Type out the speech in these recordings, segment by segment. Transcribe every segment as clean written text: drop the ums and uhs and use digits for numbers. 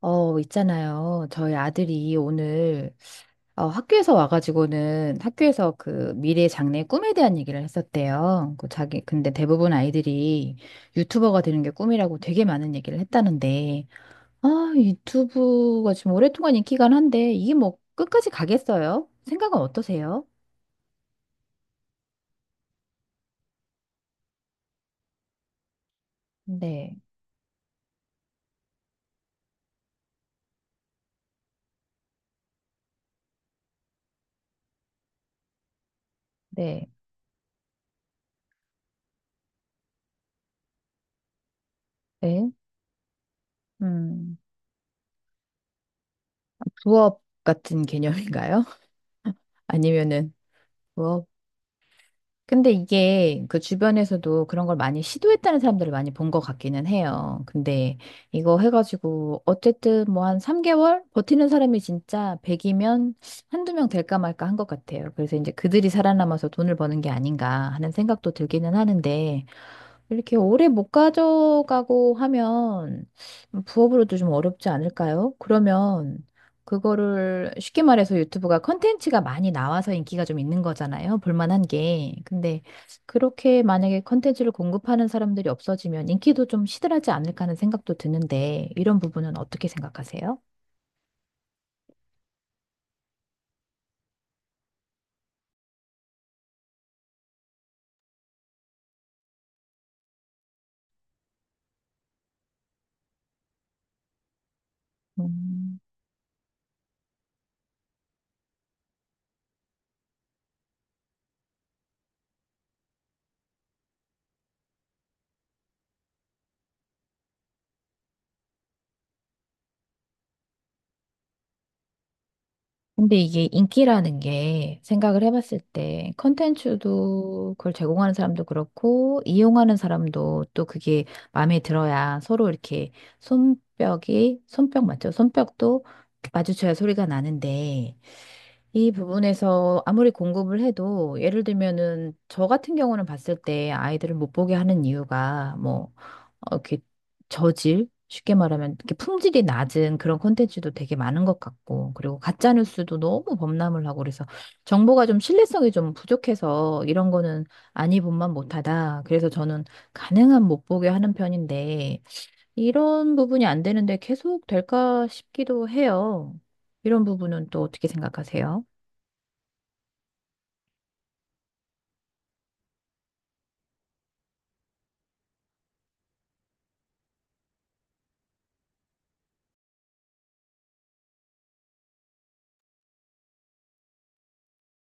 있잖아요. 저희 아들이 오늘 학교에서 와가지고는 학교에서 그 미래 장래 꿈에 대한 얘기를 했었대요. 그 자기 근데 대부분 아이들이 유튜버가 되는 게 꿈이라고 되게 많은 얘기를 했다는데 아, 유튜브가 지금 오랫동안 인기가 한데 이게 뭐 끝까지 가겠어요? 생각은 어떠세요? 네, 네, 네. 음, 부업 같은 개념인가요? 아니면은. 근데 이게 그 주변에서도 그런 걸 많이 시도했다는 사람들을 많이 본 것 같기는 해요. 근데 이거 해가지고 어쨌든 뭐 한 3개월 버티는 사람이 진짜 100이면 한두 명 될까 말까 한 것 같아요. 그래서 이제 그들이 살아남아서 돈을 버는 게 아닌가 하는 생각도 들기는 하는데, 이렇게 오래 못 가져가고 하면 부업으로도 좀 어렵지 않을까요? 그러면 그거를 쉽게 말해서 유튜브가 컨텐츠가 많이 나와서 인기가 좀 있는 거잖아요. 볼만한 게. 근데 그렇게 만약에 컨텐츠를 공급하는 사람들이 없어지면 인기도 좀 시들하지 않을까 하는 생각도 드는데, 이런 부분은 어떻게 생각하세요? 음. 근데 이게 인기라는 게 생각을 해봤을 때 컨텐츠도 그걸 제공하는 사람도 그렇고 이용하는 사람도 또 그게 마음에 들어야 서로 이렇게 손뼉이 손뼉 맞죠? 손뼉도 마주쳐야 소리가 나는데, 이 부분에서 아무리 공급을 해도, 예를 들면은 저 같은 경우는 봤을 때 아이들을 못 보게 하는 이유가 뭐 이렇게 저질, 쉽게 말하면 이렇게 품질이 낮은 그런 콘텐츠도 되게 많은 것 같고, 그리고 가짜 뉴스도 너무 범람을 하고 그래서 정보가 좀 신뢰성이 좀 부족해서, 이런 거는 아니 본만 못하다. 그래서 저는 가능한 못 보게 하는 편인데, 이런 부분이 안 되는데 계속 될까 싶기도 해요. 이런 부분은 또 어떻게 생각하세요?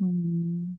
음.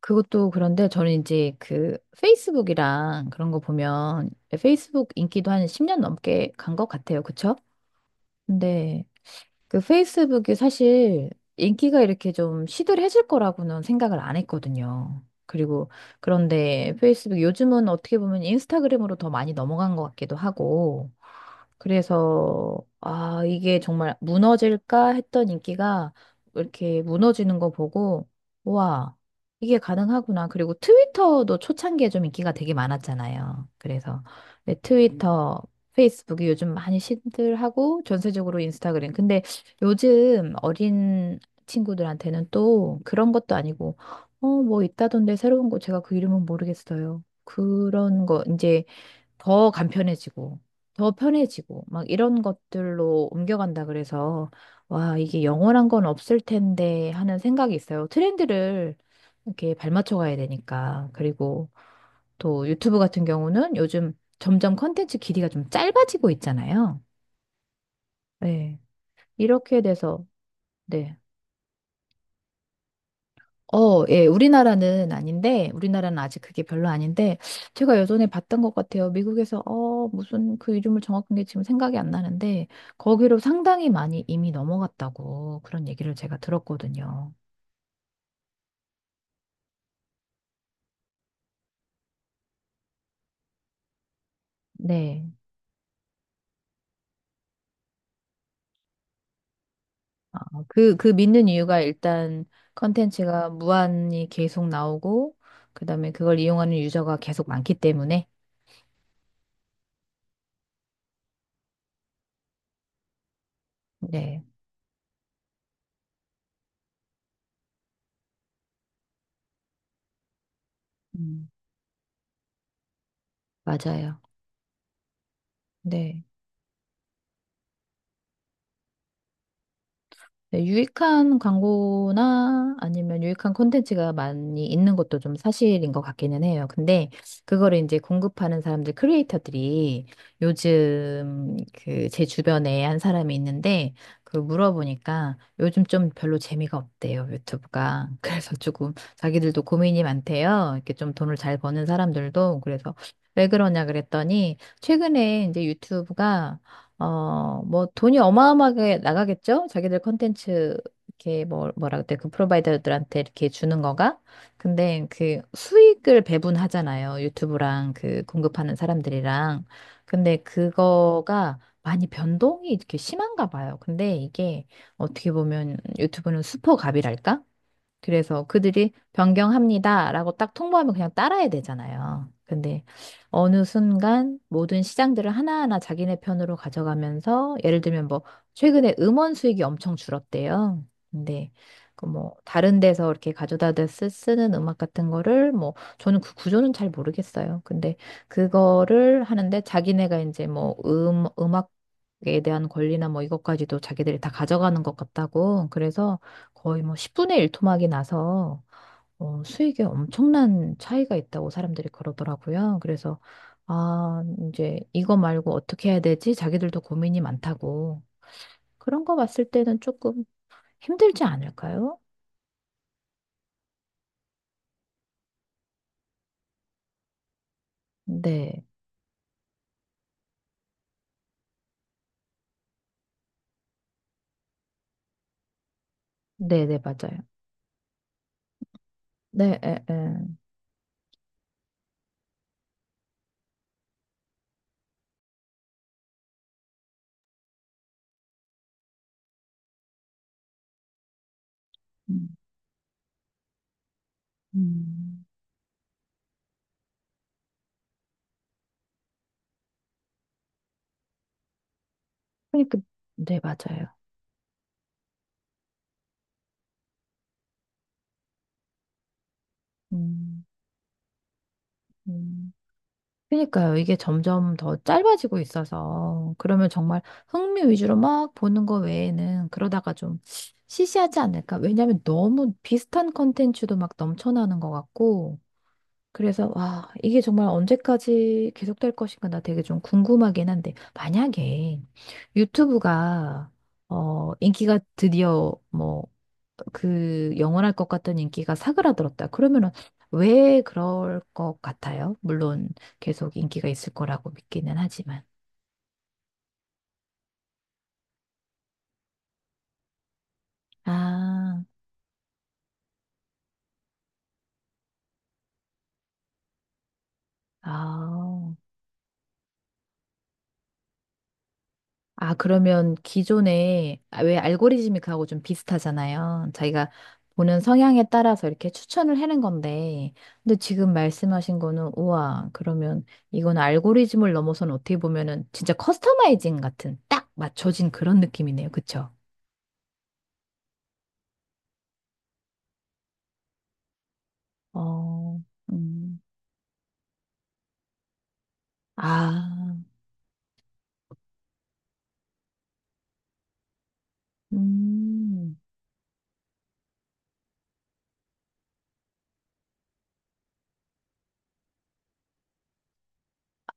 그것도 그런데, 저는 이제 그 페이스북이랑 그런 거 보면 페이스북 인기도 한 10년 넘게 간 것 같아요. 그쵸? 근데 그 페이스북이 사실 인기가 이렇게 좀 시들해질 거라고는 생각을 안 했거든요. 그리고 그런데 페이스북 요즘은 어떻게 보면 인스타그램으로 더 많이 넘어간 것 같기도 하고, 그래서 아 이게 정말 무너질까 했던 인기가 이렇게 무너지는 거 보고 와 이게 가능하구나. 그리고 트위터도 초창기에 좀 인기가 되게 많았잖아요. 그래서 네, 트위터, 페이스북이 요즘 많이 시들하고 전세적으로 인스타그램. 근데 요즘 어린 친구들한테는 또 그런 것도 아니고, 뭐 있다던데 새로운 거 제가 그 이름은 모르겠어요. 그런 거 이제 더 간편해지고, 더 편해지고, 막 이런 것들로 옮겨간다 그래서, 와, 이게 영원한 건 없을 텐데 하는 생각이 있어요. 트렌드를 이렇게 발맞춰 가야 되니까. 그리고 또 유튜브 같은 경우는 요즘 점점 컨텐츠 길이가 좀 짧아지고 있잖아요. 네. 이렇게 돼서, 네. 예, 우리나라는 아닌데, 우리나라는 아직 그게 별로 아닌데, 제가 예전에 봤던 것 같아요. 미국에서, 무슨 그 이름을 정확한 게 지금 생각이 안 나는데, 거기로 상당히 많이 이미 넘어갔다고 그런 얘기를 제가 들었거든요. 네. 아, 그 믿는 이유가 일단 컨텐츠가 무한히 계속 나오고, 그 다음에 그걸 이용하는 유저가 계속 많기 때문에. 네. 음, 맞아요. 네. 네, 유익한 광고나 아니면 유익한 콘텐츠가 많이 있는 것도 좀 사실인 것 같기는 해요. 근데 그거를 이제 공급하는 사람들, 크리에이터들이 요즘, 그 제 주변에 한 사람이 있는데 그 물어보니까 요즘 좀 별로 재미가 없대요, 유튜브가. 그래서 조금 자기들도 고민이 많대요. 이렇게 좀 돈을 잘 버는 사람들도. 그래서 왜 그러냐 그랬더니 최근에 이제 유튜브가 뭐 돈이 어마어마하게 나가겠죠? 자기들 컨텐츠 이렇게 뭐 뭐라 그때 그 프로바이더들한테 이렇게 주는 거가. 근데 그 수익을 배분하잖아요. 유튜브랑 그 공급하는 사람들이랑. 근데 그거가 많이 변동이 이렇게 심한가 봐요. 근데 이게 어떻게 보면 유튜브는 수퍼갑이랄까? 그래서 그들이 변경합니다라고 딱 통보하면 그냥 따라야 되잖아요. 근데 어느 순간 모든 시장들을 하나하나 자기네 편으로 가져가면서, 예를 들면 뭐 최근에 음원 수익이 엄청 줄었대요. 근데 그 뭐 다른 데서 이렇게 가져다 대 쓰는 음악 같은 거를, 뭐 저는 그 구조는 잘 모르겠어요. 근데 그거를 하는데 자기네가 이제 뭐 음악에 대한 권리나 뭐 이것까지도 자기들이 다 가져가는 것 같다고, 그래서 거의 뭐 10분의 1 토막이 나서 수익에 엄청난 차이가 있다고 사람들이 그러더라고요. 그래서 아, 이제 이거 말고 어떻게 해야 되지? 자기들도 고민이 많다고. 그런 거 봤을 때는 조금 힘들지 않을까요? 네. 네, 네, 맞아요. 네, 에, 에. 음. 음. 그러니까 네, 맞아요. 음. 음. 그러니까요. 이게 점점 더 짧아지고 있어서, 그러면 정말 흥미 위주로 막 보는 거 외에는 그러다가 좀 시시하지 않을까? 왜냐하면 너무 비슷한 컨텐츠도 막 넘쳐나는 것 같고, 그래서 와, 이게 정말 언제까지 계속될 것인가 나 되게 좀 궁금하긴 한데, 만약에 유튜브가 인기가 드디어 뭐 그 영원할 것 같던 인기가 사그라들었다. 그러면은 왜 그럴 것 같아요? 물론 계속 인기가 있을 거라고 믿기는 하지만. 아, 아. 아, 그러면 기존에 아, 왜 알고리즘이 그하고 좀 비슷하잖아요. 자기가 보는 성향에 따라서 이렇게 추천을 해는 건데, 근데 지금 말씀하신 거는 우와, 그러면 이건 알고리즘을 넘어서는 어떻게 보면은 진짜 커스터마이징 같은 딱 맞춰진 그런 느낌이네요. 그쵸? 어, 음, 아, 음.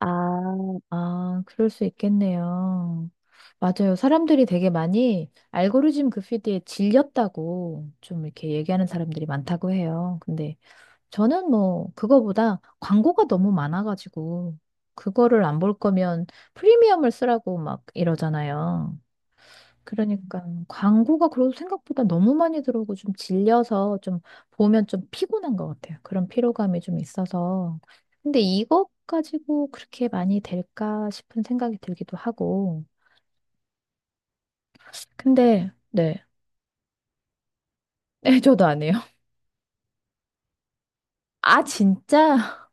아, 아, 그럴 수 있겠네요. 맞아요. 사람들이 되게 많이 알고리즘 그 피드에 질렸다고 좀 이렇게 얘기하는 사람들이 많다고 해요. 근데 저는 뭐 그거보다 광고가 너무 많아가지고, 그거를 안 볼 거면 프리미엄을 쓰라고 막 이러잖아요. 그러니까 광고가 그래도 생각보다 너무 많이 들어오고 좀 질려서, 좀 보면 좀 피곤한 것 같아요. 그런 피로감이 좀 있어서. 근데 이것 가지고 그렇게 많이 될까 싶은 생각이 들기도 하고. 근데 네. 네, 저도 안 해요. 아, 진짜?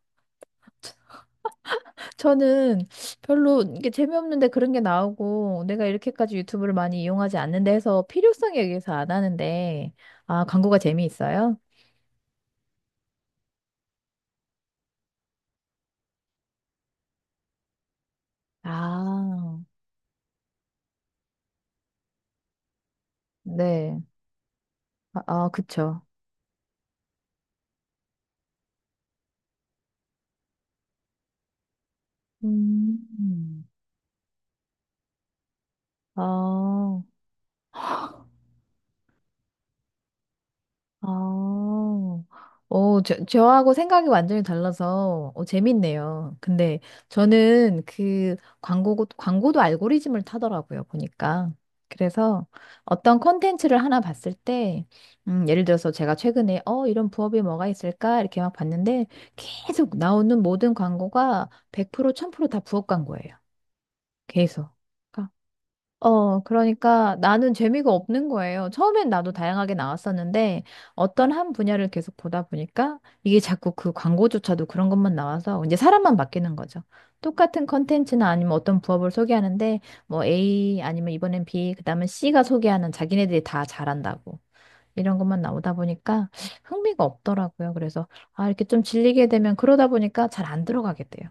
저는 별로 이게 재미없는데 그런 게 나오고, 내가 이렇게까지 유튜브를 많이 이용하지 않는데 해서 필요성에 의해서 안 하는데, 아, 광고가 재미있어요? 아, 네. 아, 아, 그쵸. 음. 아, 아. 오, 저하고 생각이 완전히 달라서 재밌네요. 근데 저는 그 광고도 알고리즘을 타더라고요, 보니까. 그래서 어떤 콘텐츠를 하나 봤을 때, 예를 들어서 제가 최근에, 이런 부업이 뭐가 있을까? 이렇게 막 봤는데, 계속 나오는 모든 광고가 100%, 1000%다 부업 광고예요. 계속. 그러니까 그러니까 나는 재미가 없는 거예요. 처음엔 나도 다양하게 나왔었는데 어떤 한 분야를 계속 보다 보니까 이게 자꾸 그 광고조차도 그런 것만 나와서, 이제 사람만 바뀌는 거죠. 똑같은 컨텐츠나 아니면 어떤 부업을 소개하는데 뭐 A 아니면 이번엔 B, 그다음에 C가 소개하는, 자기네들이 다 잘한다고 이런 것만 나오다 보니까 흥미가 없더라고요. 그래서 아, 이렇게 좀 질리게 되면 그러다 보니까 잘 안 들어가게 돼요.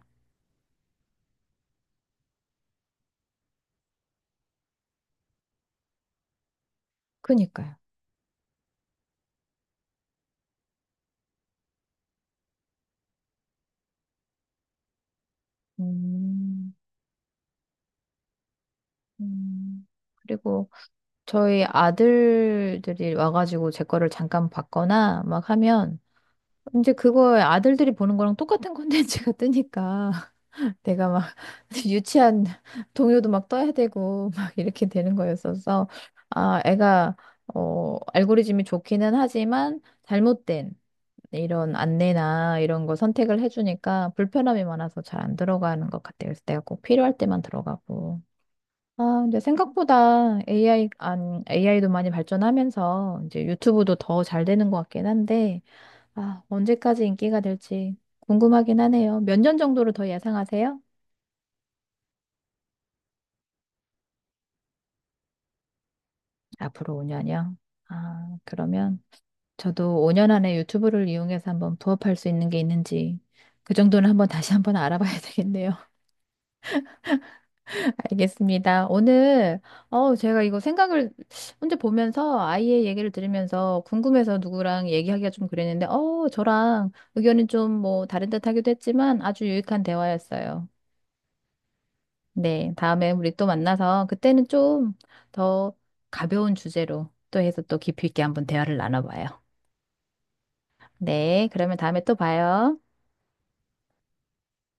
그니까요. 음, 음. 그리고 저희 아들들이 와가지고 제 거를 잠깐 봤거나 막 하면, 이제 그거 아들들이 보는 거랑 똑같은 콘텐츠가 뜨니까 내가 막 유치한 동요도 막 떠야 되고 막 이렇게 되는 거였어서, 아 애가 알고리즘이 좋기는 하지만 잘못된 이런 안내나 이런 거 선택을 해주니까 불편함이 많아서 잘 안 들어가는 것 같아요. 그래서 내가 꼭 필요할 때만 들어가고. 아, 근데 생각보다 AI, 안, AI도 많이 발전하면서 이제 유튜브도 더 잘 되는 것 같긴 한데, 아, 언제까지 인기가 될지 궁금하긴 하네요. 몇 년 정도로 더 예상하세요? 앞으로 5년이요. 아, 그러면 저도 5년 안에 유튜브를 이용해서 한번 부업할 수 있는 게 있는지 그 정도는 한번 다시 한번 알아봐야 되겠네요. 알겠습니다. 오늘, 제가 이거 생각을 혼자 보면서 아이의 얘기를 들으면서 궁금해서 누구랑 얘기하기가 좀 그랬는데, 저랑 의견이 좀 뭐 다른 듯 하기도 했지만 아주 유익한 대화였어요. 네, 다음에 우리 또 만나서 그때는 좀 더 가벼운 주제로 또 해서 또 깊이 있게 한번 대화를 나눠봐요. 네, 그러면 다음에 또 봐요.